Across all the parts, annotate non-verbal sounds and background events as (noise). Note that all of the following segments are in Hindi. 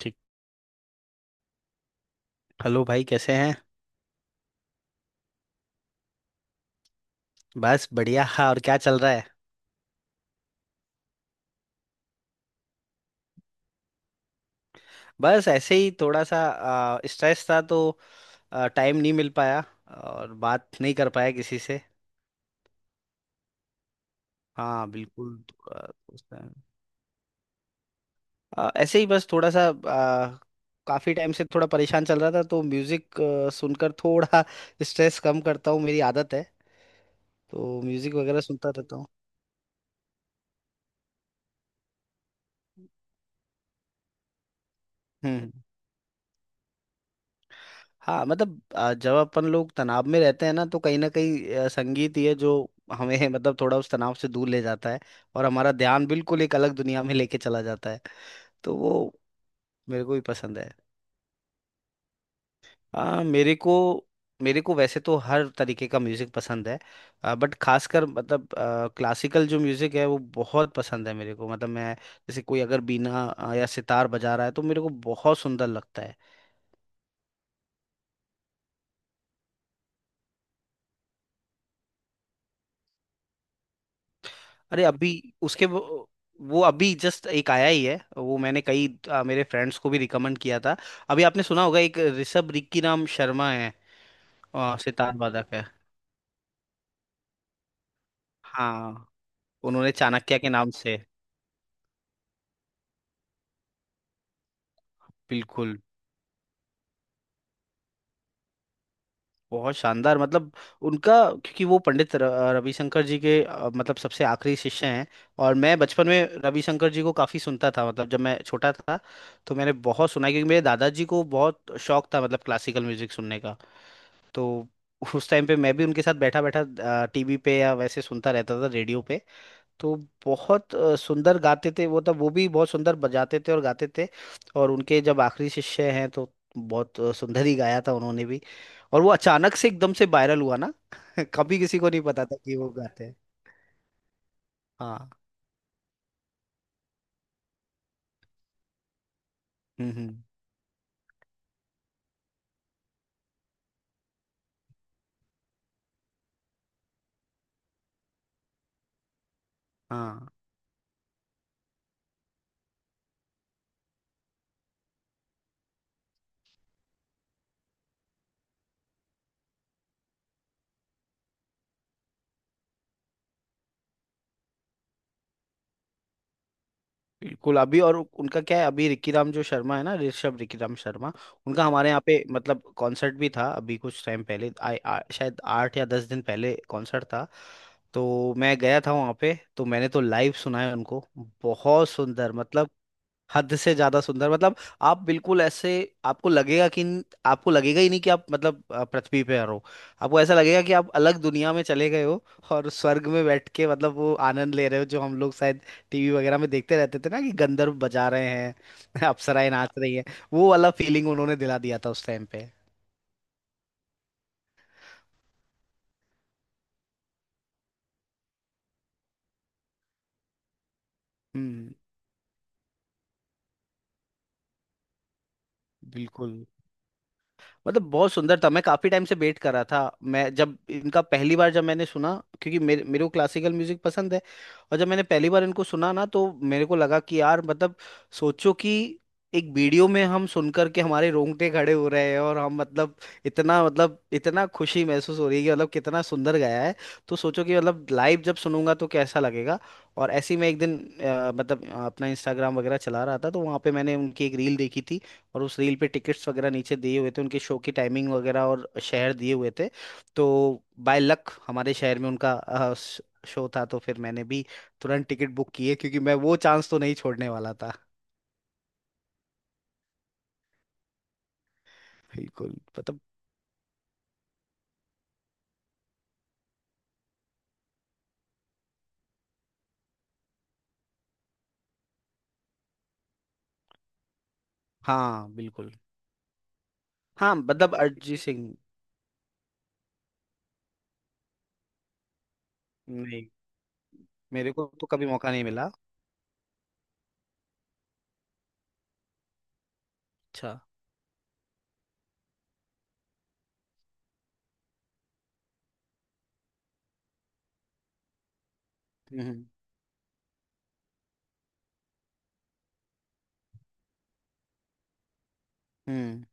ठीक। हेलो भाई, कैसे हैं। बस बढ़िया। हाँ, और क्या चल रहा है। बस ऐसे ही थोड़ा सा स्ट्रेस था, तो टाइम नहीं मिल पाया और बात नहीं कर पाया किसी से। हाँ, बिल्कुल। आ, उस time- ऐसे ही बस थोड़ा सा काफी टाइम से थोड़ा परेशान चल रहा था, तो म्यूजिक सुनकर थोड़ा (laughs) स्ट्रेस कम करता हूँ। मेरी आदत है। तो म्यूजिक वगैरह सुनता रहता हूँ। हम्म। हाँ, मतलब जब अपन लोग तनाव में रहते हैं ना, तो कहीं ना कहीं संगीत ही है जो हमें (laughs) मतलब थोड़ा उस तनाव से दूर ले जाता है और हमारा ध्यान बिल्कुल एक अलग दुनिया में लेके चला जाता है। तो वो मेरे को भी पसंद है। आ, मेरे को मेरे को वैसे तो हर तरीके का म्यूजिक पसंद है। बट खासकर मतलब क्लासिकल जो म्यूजिक है वो बहुत पसंद है मेरे को। मतलब मैं जैसे कोई अगर बीना या सितार बजा रहा है तो मेरे को बहुत सुंदर लगता है। अरे अभी उसके वो अभी जस्ट एक आया ही है, वो मैंने कई मेरे फ्रेंड्स को भी रिकमेंड किया था। अभी आपने सुना होगा, एक ऋषभ रिक्की नाम शर्मा है। सितार वादक है। हाँ, उन्होंने चाणक्य के नाम से। बिल्कुल, बहुत शानदार मतलब। उनका, क्योंकि वो पंडित रविशंकर जी के मतलब सबसे आखिरी शिष्य हैं। और मैं बचपन में रविशंकर जी को काफ़ी सुनता था, मतलब जब मैं छोटा था, तो मैंने बहुत सुना है, क्योंकि मेरे दादाजी को बहुत शौक था, मतलब क्लासिकल म्यूजिक सुनने का। तो उस टाइम पे मैं भी उनके साथ बैठा बैठा टीवी पे या वैसे सुनता रहता था, रेडियो पे। तो बहुत सुंदर गाते थे वो तब, वो भी बहुत सुंदर बजाते थे और गाते थे। और उनके जब आखिरी शिष्य हैं तो बहुत सुंदर ही गाया था उन्होंने भी। और वो अचानक से एकदम से वायरल हुआ ना। (laughs) कभी किसी को नहीं पता था कि वो गाते हैं। हाँ। हम्म, हम्म। हाँ, बिल्कुल। अभी और उनका क्या है, अभी रिकी राम जो शर्मा है ना, ऋषभ रिकी राम शर्मा। उनका हमारे यहाँ पे मतलब कॉन्सर्ट भी था, अभी कुछ टाइम पहले, आ, आ, शायद 8 या 10 दिन पहले कॉन्सर्ट था। तो मैं गया था वहाँ पे, तो मैंने तो लाइव सुना है उनको। बहुत सुंदर मतलब, हद से ज्यादा सुंदर मतलब। आप बिल्कुल ऐसे, आपको लगेगा कि, आपको लगेगा ही नहीं कि आप मतलब पृथ्वी पे हो। आपको ऐसा लगेगा कि आप अलग दुनिया में चले गए हो और स्वर्ग में बैठ के मतलब वो आनंद ले रहे हो, जो हम लोग शायद टीवी वगैरह में देखते रहते थे ना, कि गंधर्व बजा रहे हैं। (laughs) अप्सराएं नाच रही हैं। वो वाला फीलिंग उन्होंने दिला दिया था उस टाइम पे। हम्म। बिल्कुल मतलब बहुत सुंदर था। मैं काफी टाइम से वेट कर रहा था, मैं जब इनका पहली बार जब मैंने सुना, क्योंकि मेरे मेरे को क्लासिकल म्यूजिक पसंद है। और जब मैंने पहली बार इनको सुना ना, तो मेरे को लगा कि यार मतलब सोचो कि एक वीडियो में हम सुन करके हमारे रोंगटे खड़े हो रहे हैं, और हम मतलब इतना खुशी महसूस हो रही है कि मतलब कितना सुंदर गाया है। तो सोचो कि मतलब लाइव जब सुनूंगा तो कैसा लगेगा। और ऐसे ही मैं एक दिन मतलब अपना इंस्टाग्राम वगैरह चला रहा था, तो वहां पे मैंने उनकी एक रील देखी थी। और उस रील पे टिकट्स वगैरह नीचे दिए हुए थे, उनके शो की टाइमिंग वगैरह और शहर दिए हुए थे। तो बाय लक हमारे शहर में उनका शो था, तो फिर मैंने भी तुरंत टिकट बुक किए, क्योंकि मैं वो चांस तो नहीं छोड़ने वाला था। बिल्कुल मतलब। हाँ, बिल्कुल। हाँ, मतलब अरिजीत सिंह। नहीं, मेरे को तो कभी मौका नहीं मिला। अच्छा। हम्म, हम्म।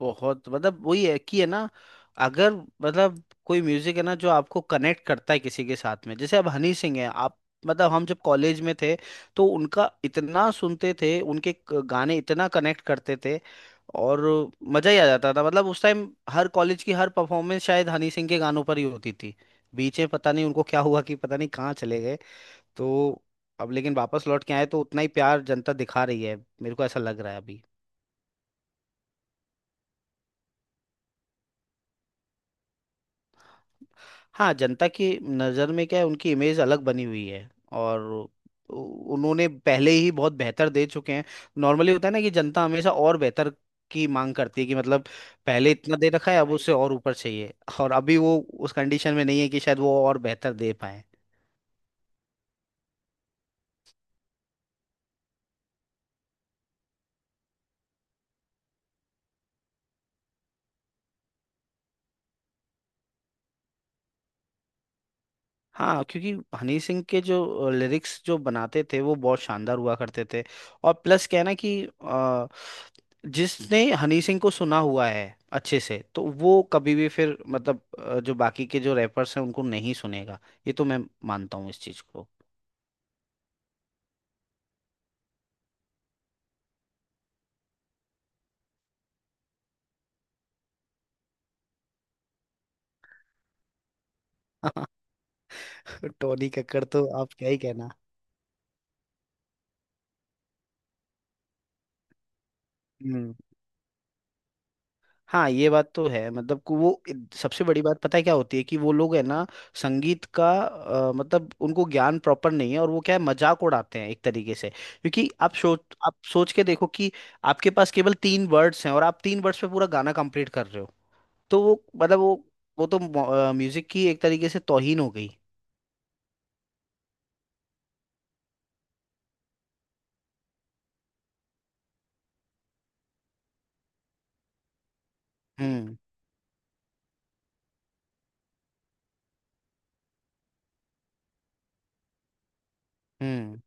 बहुत मतलब वही है कि, है ना, अगर मतलब कोई म्यूजिक है ना जो आपको कनेक्ट करता है किसी के साथ में, जैसे अब हनी सिंह है। आप मतलब हम जब कॉलेज में थे, तो उनका इतना सुनते थे, उनके गाने इतना कनेक्ट करते थे, और मजा ही आ जाता था, मतलब उस टाइम हर कॉलेज की हर परफॉर्मेंस शायद हनी सिंह के गानों पर ही होती थी। बीच में पता नहीं उनको क्या हुआ, कि पता नहीं कहाँ चले गए। तो अब लेकिन वापस लौट के आए तो उतना ही प्यार जनता दिखा रही है, मेरे को ऐसा लग रहा है अभी। हाँ, जनता की नज़र में क्या है, उनकी इमेज अलग बनी हुई है। और उ- उन्होंने पहले ही बहुत बेहतर दे चुके हैं। नॉर्मली होता है ना कि जनता हमेशा और बेहतर की मांग करती है, कि मतलब पहले इतना दे रखा है, अब उससे और ऊपर चाहिए। और अभी वो उस कंडीशन में नहीं है कि शायद वो और बेहतर दे पाए। हाँ, क्योंकि हनी सिंह के जो लिरिक्स जो बनाते थे वो बहुत शानदार हुआ करते थे। और प्लस क्या है ना कि जिसने हनी सिंह को सुना हुआ है अच्छे से, तो वो कभी भी फिर मतलब जो बाकी के जो रैपर्स हैं उनको नहीं सुनेगा। ये तो मैं मानता हूँ इस चीज को। (laughs) टोनी कक्कड़ तो आप क्या ही कहना। हाँ, ये बात तो है, मतलब कि वो, सबसे बड़ी बात पता है क्या होती है कि वो लोग है ना, संगीत का मतलब उनको ज्ञान प्रॉपर नहीं है, और वो क्या है, मजाक उड़ाते हैं एक तरीके से। क्योंकि आप सोच के देखो कि आपके पास केवल तीन वर्ड्स हैं और आप तीन वर्ड्स पे पूरा गाना कंप्लीट कर रहे हो। तो वो मतलब वो तो म्यूजिक की एक तरीके से तौहीन हो गई। हम्म, हम्म,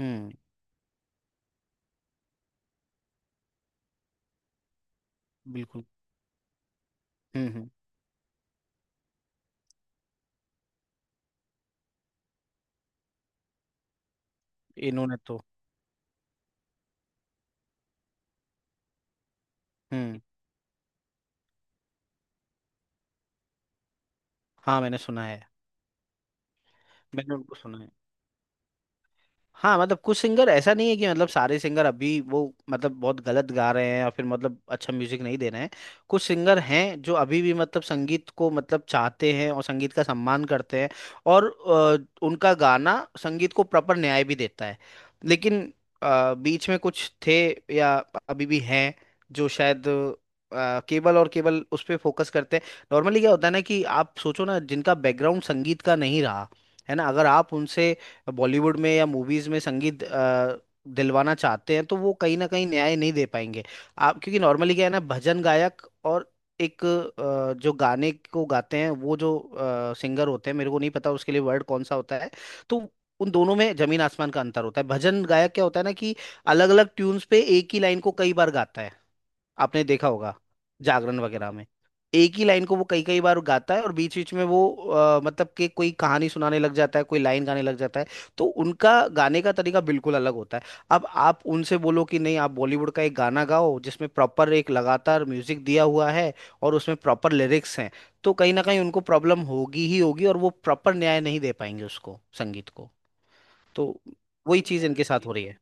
हम्म। बिल्कुल। हम्म, हम्म। इन्होंने तो। हम्म। हाँ, मैंने सुना है, मैंने उनको सुना है। हाँ, मतलब कुछ सिंगर ऐसा नहीं है कि मतलब सारे सिंगर अभी वो मतलब बहुत गलत गा रहे हैं या फिर मतलब अच्छा म्यूजिक नहीं दे रहे हैं। कुछ सिंगर हैं जो अभी भी मतलब संगीत को मतलब चाहते हैं और संगीत का सम्मान करते हैं, और उनका गाना संगीत को प्रॉपर न्याय भी देता है। लेकिन बीच में कुछ थे, या अभी भी हैं, जो शायद केवल और केवल उस पर फोकस करते हैं। नॉर्मली क्या होता है ना कि आप सोचो ना, जिनका बैकग्राउंड संगीत का नहीं रहा, है ना, अगर आप उनसे बॉलीवुड में या मूवीज में संगीत दिलवाना चाहते हैं, तो वो कहीं ना कहीं न्याय नहीं दे पाएंगे। आप क्योंकि नॉर्मली क्या है ना, भजन गायक और एक जो गाने को गाते हैं, वो जो सिंगर होते हैं, मेरे को नहीं पता उसके लिए वर्ड कौन सा होता है। तो उन दोनों में जमीन आसमान का अंतर होता है। भजन गायक क्या होता है ना, कि अलग अलग ट्यून्स पे एक ही लाइन को कई बार गाता है, आपने देखा होगा जागरण वगैरह में। एक ही लाइन को वो कई कई बार गाता है, और बीच बीच में वो मतलब कि कोई कहानी सुनाने लग जाता है, कोई लाइन गाने लग जाता है। तो उनका गाने का तरीका बिल्कुल अलग होता है। अब आप उनसे बोलो कि नहीं, आप बॉलीवुड का एक गाना गाओ जिसमें प्रॉपर एक लगातार म्यूजिक दिया हुआ है, और उसमें प्रॉपर लिरिक्स हैं, तो कहीं ना कहीं उनको प्रॉब्लम होगी ही होगी, और वो प्रॉपर न्याय नहीं दे पाएंगे उसको, संगीत को। तो वही चीज़ इनके साथ हो रही है।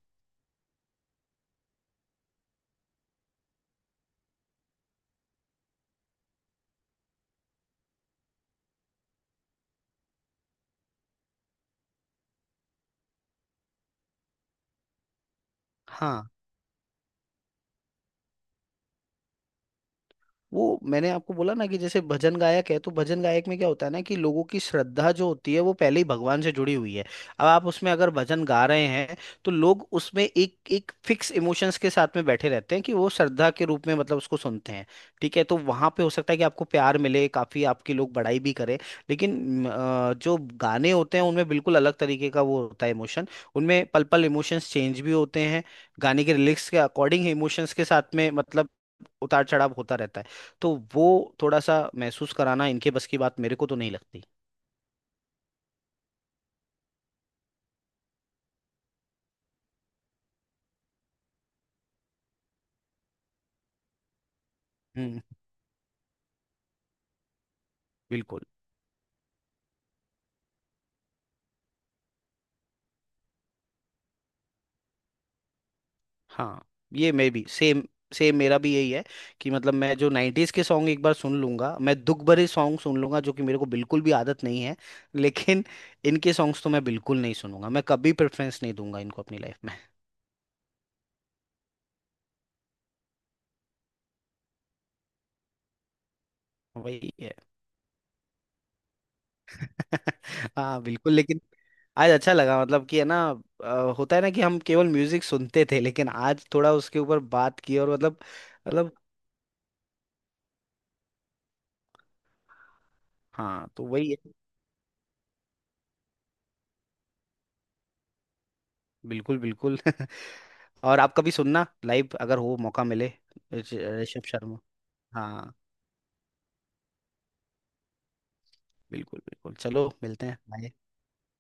हाँ, वो मैंने आपको बोला ना कि जैसे भजन गायक है, तो भजन गायक में क्या होता है ना कि लोगों की श्रद्धा जो होती है वो पहले ही भगवान से जुड़ी हुई है। अब आप उसमें अगर भजन गा रहे हैं, तो लोग उसमें एक एक फिक्स इमोशंस के साथ में बैठे रहते हैं, कि वो श्रद्धा के रूप में मतलब उसको सुनते हैं। ठीक है, तो वहां पे हो सकता है कि आपको प्यार मिले काफी, आपके लोग बड़ाई भी करें। लेकिन जो गाने होते हैं उनमें बिल्कुल अलग तरीके का वो होता है इमोशन। उनमें पल पल इमोशंस चेंज भी होते हैं, गाने के लिरिक्स के अकॉर्डिंग इमोशंस के साथ में मतलब उतार चढ़ाव होता रहता है। तो वो थोड़ा सा महसूस कराना इनके बस की बात मेरे को तो नहीं लगती। हम्म, बिल्कुल। हाँ, ये मैं भी सेम। सेम मेरा भी यही है कि मतलब मैं जो 90s के सॉन्ग एक बार सुन लूंगा, मैं दुख भरे सॉन्ग सुन लूंगा, जो कि मेरे को बिल्कुल भी आदत नहीं है। लेकिन इनके सॉन्ग्स तो मैं बिल्कुल नहीं सुनूंगा, मैं कभी प्रेफरेंस नहीं दूंगा इनको अपनी लाइफ में। (laughs) वही है। (laughs) हाँ, बिल्कुल, लेकिन आज अच्छा लगा, मतलब कि है ना, होता है ना कि हम केवल म्यूजिक सुनते थे, लेकिन आज थोड़ा उसके ऊपर बात की और मतलब। मतलब। हाँ, तो वही है। बिल्कुल, बिल्कुल। (laughs) और आप कभी सुनना लाइव, अगर हो मौका मिले। ऋषभ शर्मा। हाँ, बिल्कुल, बिल्कुल। चलो मिलते हैं। बाय।